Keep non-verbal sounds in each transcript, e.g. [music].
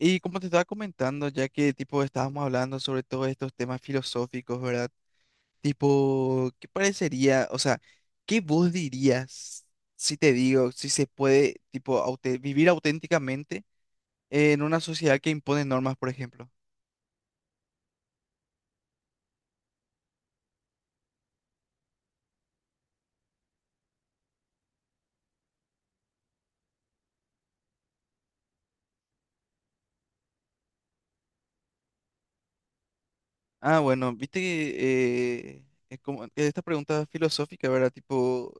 Y como te estaba comentando, ya que tipo estábamos hablando sobre todos estos temas filosóficos, ¿verdad? Tipo, ¿qué parecería, o sea, qué vos dirías si te digo, si se puede, tipo, vivir auténticamente en una sociedad que impone normas, por ejemplo? Ah, bueno, viste que es como que esta pregunta filosófica, ¿verdad? Tipo,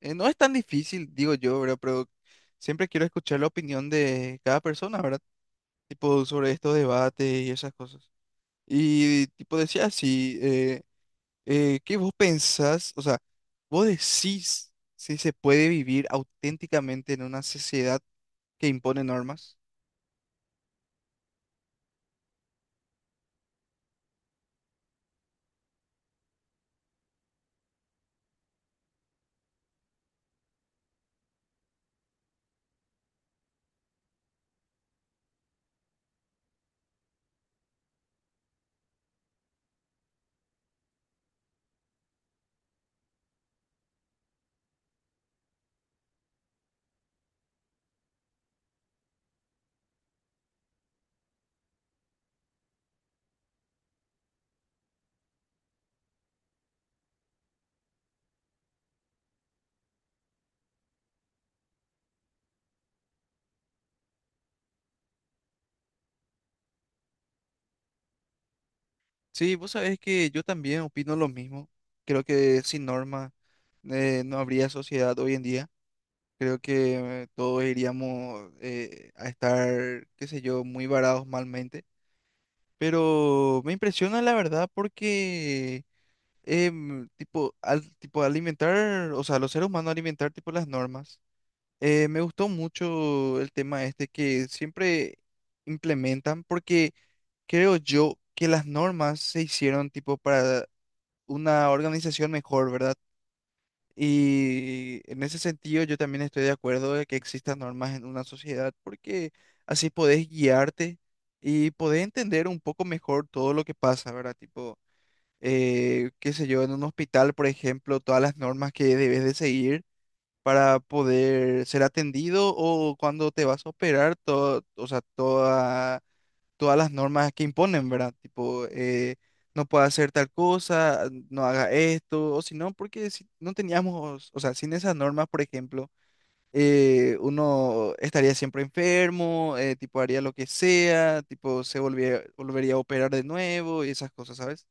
no es tan difícil, digo yo, ¿verdad? Pero siempre quiero escuchar la opinión de cada persona, ¿verdad? Tipo, sobre estos debates y esas cosas. Y tipo decía así, ¿qué vos pensás? O sea, vos decís si se puede vivir auténticamente en una sociedad que impone normas. Sí, vos sabés que yo también opino lo mismo. Creo que sin normas no habría sociedad hoy en día. Creo que todos iríamos a estar, qué sé yo, muy varados malmente. Pero me impresiona la verdad porque tipo, tipo alimentar, o sea, los seres humanos alimentar tipo las normas. Me gustó mucho el tema este que siempre implementan porque creo yo que las normas se hicieron tipo para una organización mejor, ¿verdad? Y en ese sentido yo también estoy de acuerdo de que existan normas en una sociedad porque así podés guiarte y podés entender un poco mejor todo lo que pasa, ¿verdad? Tipo qué sé yo, en un hospital, por ejemplo, todas las normas que debes de seguir para poder ser atendido o cuando te vas a operar, todo, o sea, todas las normas que imponen, ¿verdad? Tipo, no puedes hacer tal cosa, no haga esto, o si no, porque si no teníamos, o sea, sin esas normas, por ejemplo, uno estaría siempre enfermo, tipo, haría lo que sea, tipo, volvería a operar de nuevo y esas cosas, ¿sabes?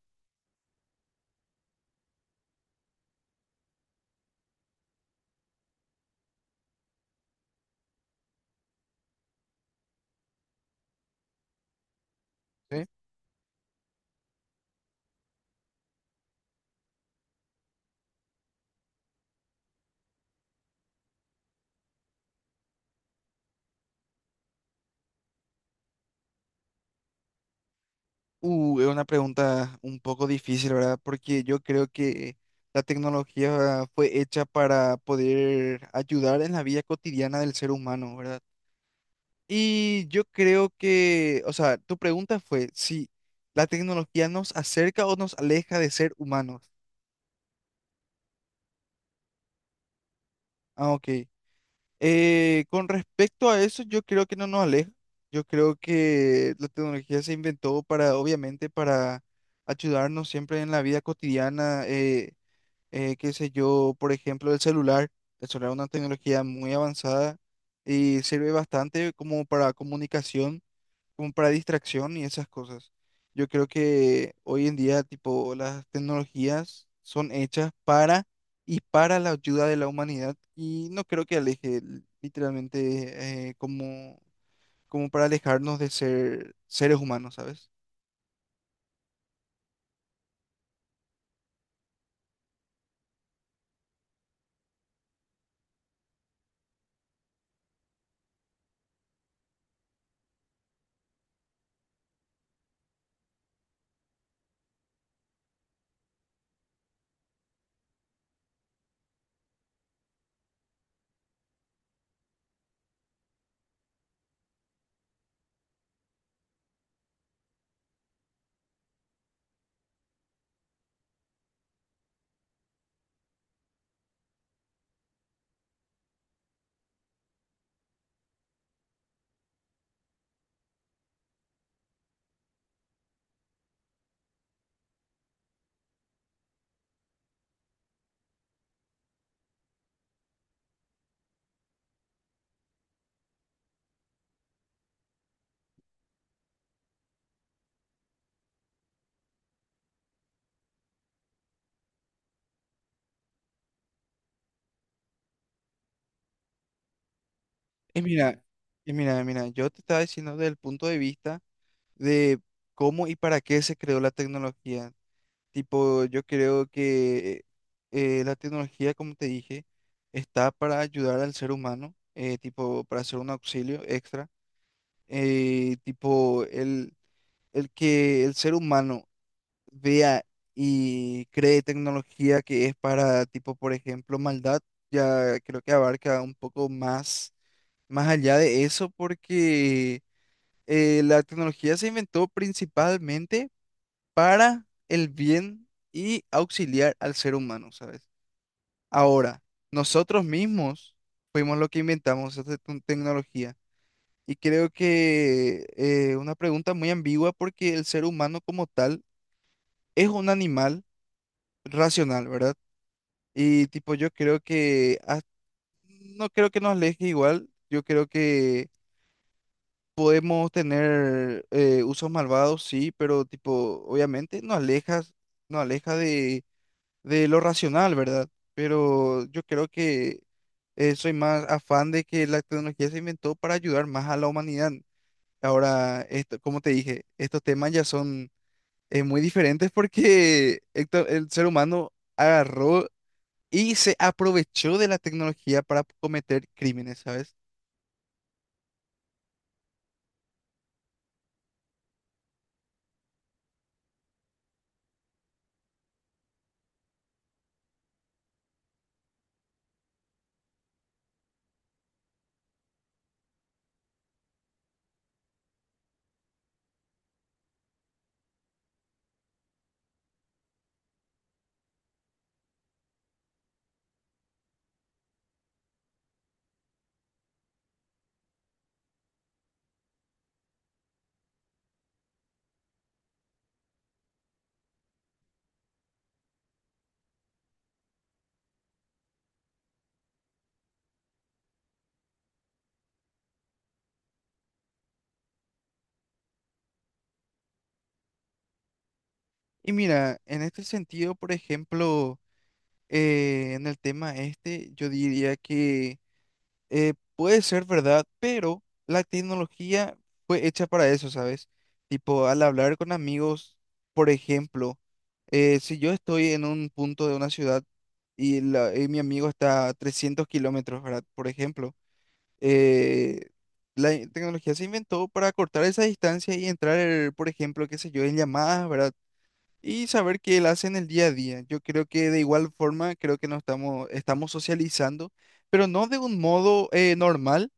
Es una pregunta un poco difícil, ¿verdad? Porque yo creo que la tecnología fue hecha para poder ayudar en la vida cotidiana del ser humano, ¿verdad? Y yo creo que, o sea, tu pregunta fue si la tecnología nos acerca o nos aleja de ser humanos. Ah, ok. Con respecto a eso, yo creo que no nos aleja. Yo creo que la tecnología se inventó para, obviamente, para ayudarnos siempre en la vida cotidiana. Qué sé yo, por ejemplo, el celular. El celular es una tecnología muy avanzada y sirve bastante como para comunicación, como para distracción y esas cosas. Yo creo que hoy en día, tipo, las tecnologías son hechas para y para la ayuda de la humanidad y no creo que aleje literalmente como, como para alejarnos de ser seres humanos, ¿sabes? Y mira, mira, yo te estaba diciendo desde el punto de vista de cómo y para qué se creó la tecnología. Tipo, yo creo que la tecnología, como te dije, está para ayudar al ser humano, tipo, para ser un auxilio extra. Tipo, el que el ser humano vea y cree tecnología que es para, tipo, por ejemplo, maldad, ya creo que abarca un poco más, más allá de eso, porque la tecnología se inventó principalmente para el bien y auxiliar al ser humano, ¿sabes? Ahora, nosotros mismos fuimos los que inventamos esta tecnología. Y creo que una pregunta muy ambigua porque el ser humano como tal es un animal racional, ¿verdad? Y tipo, yo creo que no creo que nos aleje igual. Yo creo que podemos tener usos malvados, sí, pero tipo, obviamente nos alejas, nos aleja de lo racional, ¿verdad? Pero yo creo que soy más afán de que la tecnología se inventó para ayudar más a la humanidad. Ahora, esto, como te dije, estos temas ya son muy diferentes porque [laughs] el ser humano agarró y se aprovechó de la tecnología para cometer crímenes, ¿sabes? Y mira, en este sentido, por ejemplo, en el tema este, yo diría que eh, puede ser verdad, pero la tecnología fue hecha para eso, ¿sabes? Tipo, al hablar con amigos, por ejemplo, si yo estoy en un punto de una ciudad y, y mi amigo está a 300 kilómetros, ¿verdad? Por ejemplo, eh, la tecnología se inventó para cortar esa distancia y entrar, por ejemplo, qué sé yo, en llamadas, ¿verdad? Y saber qué él hace en el día a día. Yo creo que de igual forma, creo que nos estamos, estamos socializando, pero no de un modo normal,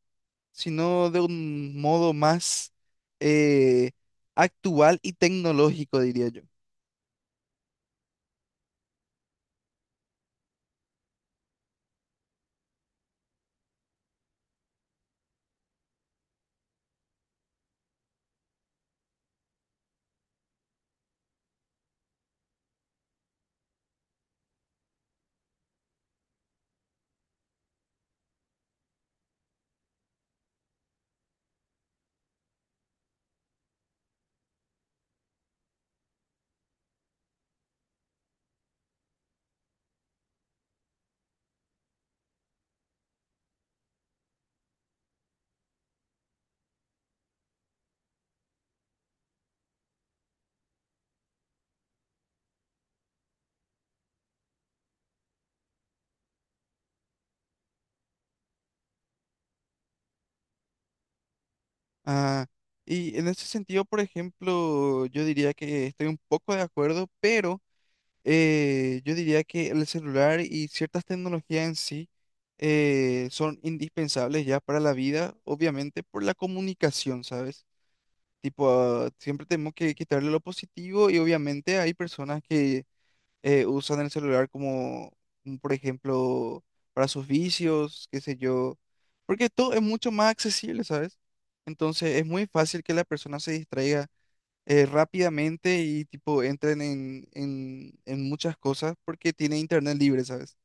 sino de un modo más eh, actual y tecnológico, diría yo. Ah, y en ese sentido, por ejemplo, yo diría que estoy un poco de acuerdo, pero yo diría que el celular y ciertas tecnologías en sí son indispensables ya para la vida, obviamente por la comunicación, ¿sabes? Tipo, ah, siempre tenemos que quitarle lo positivo y obviamente hay personas que usan el celular como, como, por ejemplo, para sus vicios, qué sé yo, porque todo es mucho más accesible, ¿sabes? Entonces es muy fácil que la persona se distraiga rápidamente y tipo entren en, en muchas cosas porque tiene internet libre, ¿sabes?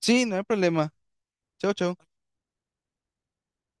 Sí, no hay problema. Chao, chao.